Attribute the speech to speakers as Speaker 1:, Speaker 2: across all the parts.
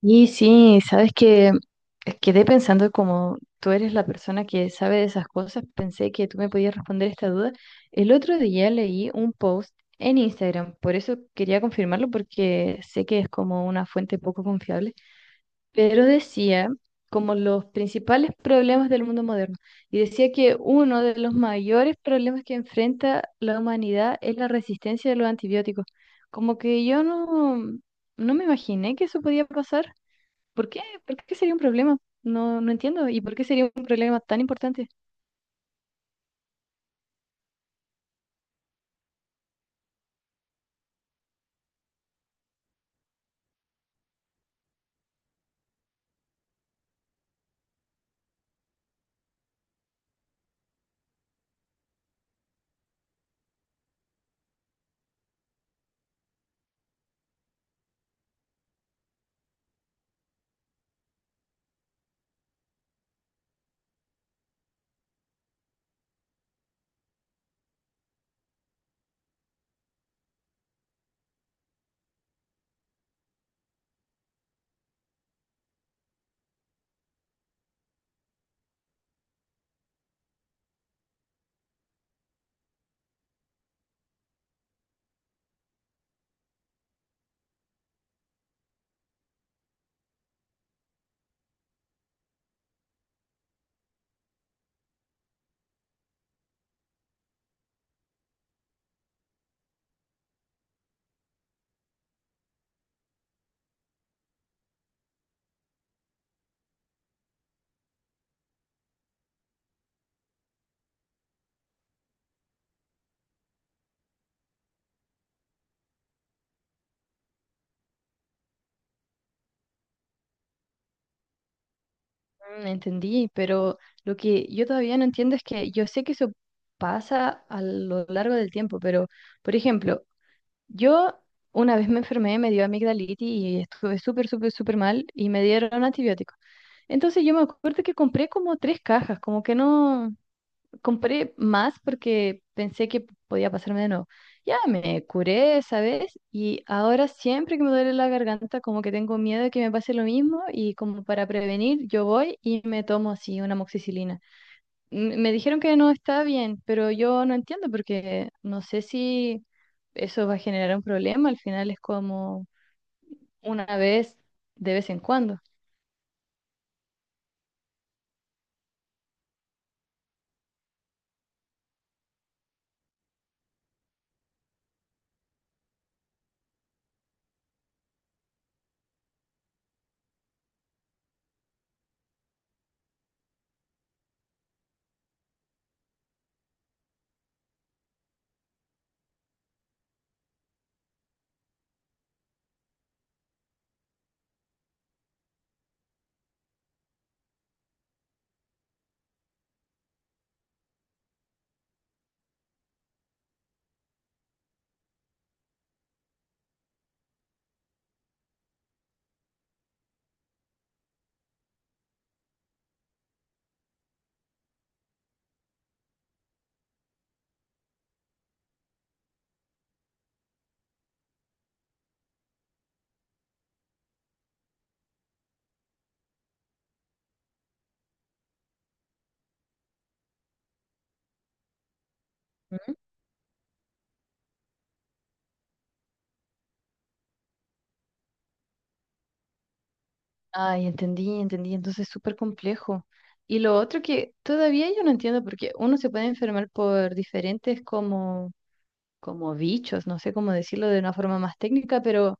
Speaker 1: Y sí, sabes que quedé pensando como tú eres la persona que sabe de esas cosas, pensé que tú me podías responder esta duda. El otro día leí un post en Instagram, por eso quería confirmarlo porque sé que es como una fuente poco confiable, pero decía como los principales problemas del mundo moderno y decía que uno de los mayores problemas que enfrenta la humanidad es la resistencia de los antibióticos. Como que yo no me imaginé que eso podía pasar. ¿Por qué? ¿Por qué sería un problema? No, no entiendo. ¿Y por qué sería un problema tan importante? Mm, entendí, pero lo que yo todavía no entiendo es que yo sé que eso pasa a lo largo del tiempo, pero, por ejemplo, yo una vez me enfermé, me dio amigdalitis y estuve súper, súper, súper mal y me dieron antibióticos. Entonces yo me acuerdo que compré como tres cajas, como que no, compré más porque pensé que podía pasarme de nuevo. Ya me curé esa vez y ahora siempre que me duele la garganta como que tengo miedo de que me pase lo mismo y como para prevenir yo voy y me tomo así una amoxicilina. Me dijeron que no está bien, pero yo no entiendo porque no sé si eso va a generar un problema, al final es como una vez de vez en cuando. Ay, entendí, entendí. Entonces es súper complejo. Y lo otro que todavía yo no entiendo, porque uno se puede enfermar por diferentes como, como bichos, no sé cómo decirlo de una forma más técnica, pero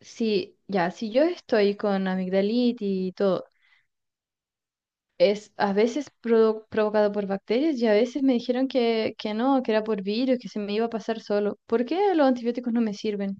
Speaker 1: si ya, si yo estoy con amigdalitis y todo, es a veces provocado por bacterias y a veces me dijeron que no, que era por virus, que se me iba a pasar solo. ¿Por qué los antibióticos no me sirven?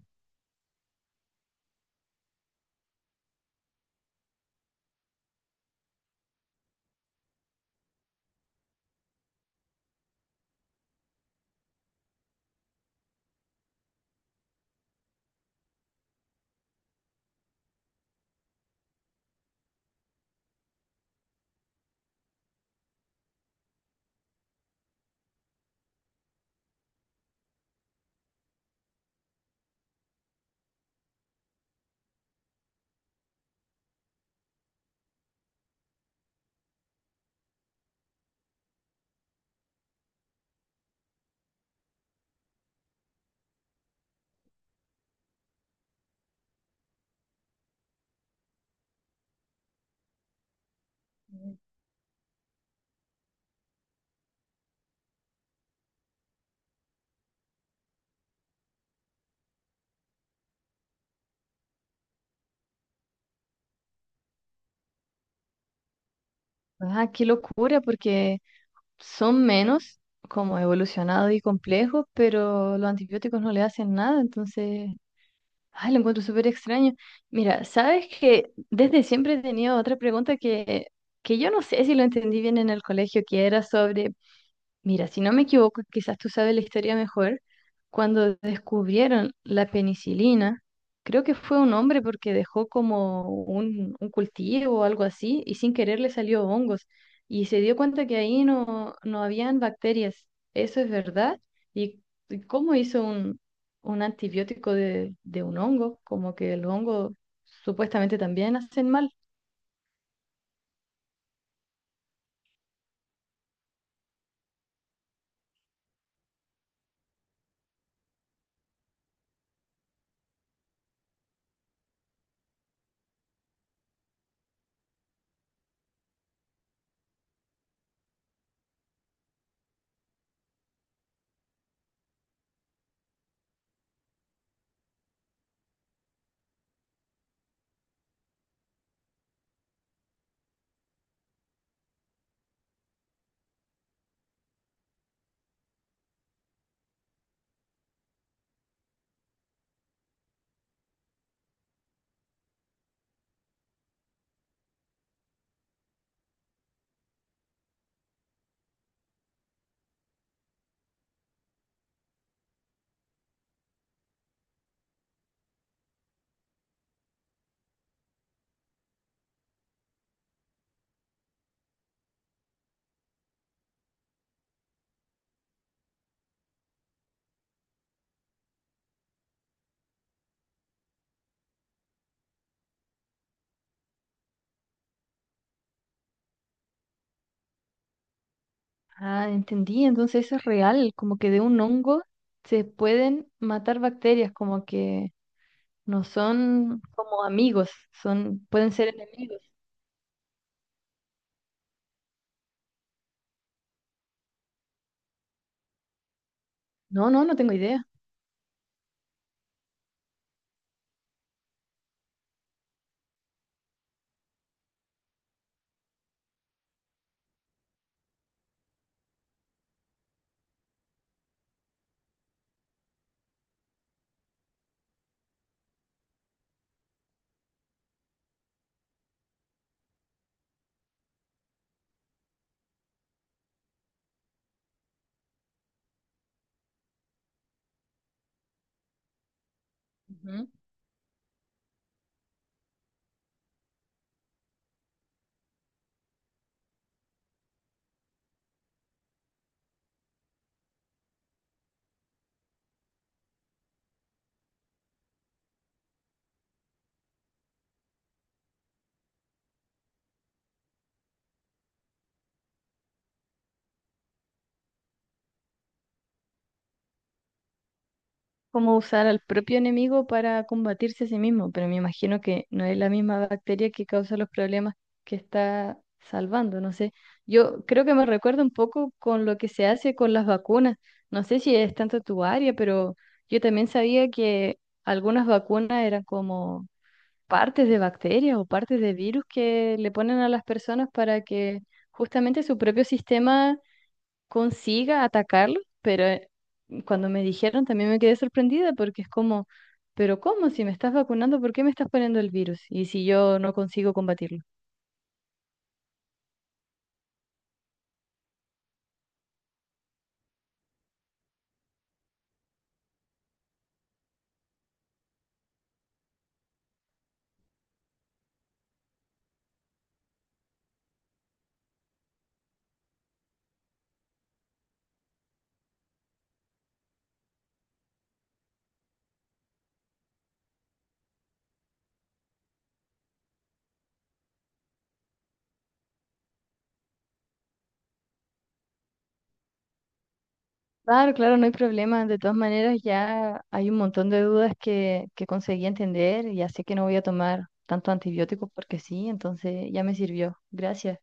Speaker 1: Ah, qué locura, porque son menos como evolucionados y complejos, pero los antibióticos no le hacen nada, entonces, ay, lo encuentro súper extraño. Mira, sabes que desde siempre he tenido otra pregunta que yo no sé si lo entendí bien en el colegio, que era sobre. Mira, si no me equivoco, quizás tú sabes la historia mejor, cuando descubrieron la penicilina, creo que fue un hombre porque dejó como un cultivo o algo así y sin querer le salió hongos y se dio cuenta que ahí no habían bacterias. ¿Eso es verdad? ¿Y y cómo hizo un antibiótico de un hongo? Como que el hongo supuestamente también hacen mal. Ah, entendí. Entonces eso es real, como que de un hongo se pueden matar bacterias, como que no son como amigos, son, pueden ser enemigos. No tengo idea. Ujú. Cómo usar al propio enemigo para combatirse a sí mismo, pero me imagino que no es la misma bacteria que causa los problemas que está salvando, no sé. Yo creo que me recuerda un poco con lo que se hace con las vacunas. No sé si es tanto tu área, pero yo también sabía que algunas vacunas eran como partes de bacterias o partes de virus que le ponen a las personas para que justamente su propio sistema consiga atacarlo, pero cuando me dijeron también me quedé sorprendida porque es como, pero ¿cómo? Si me estás vacunando, ¿por qué me estás poniendo el virus? Y si yo no consigo combatirlo. Claro, claro, no hay problema. De todas maneras, ya hay un montón de dudas que conseguí entender. Y ya sé que no voy a tomar tanto antibiótico porque sí, entonces ya me sirvió. Gracias.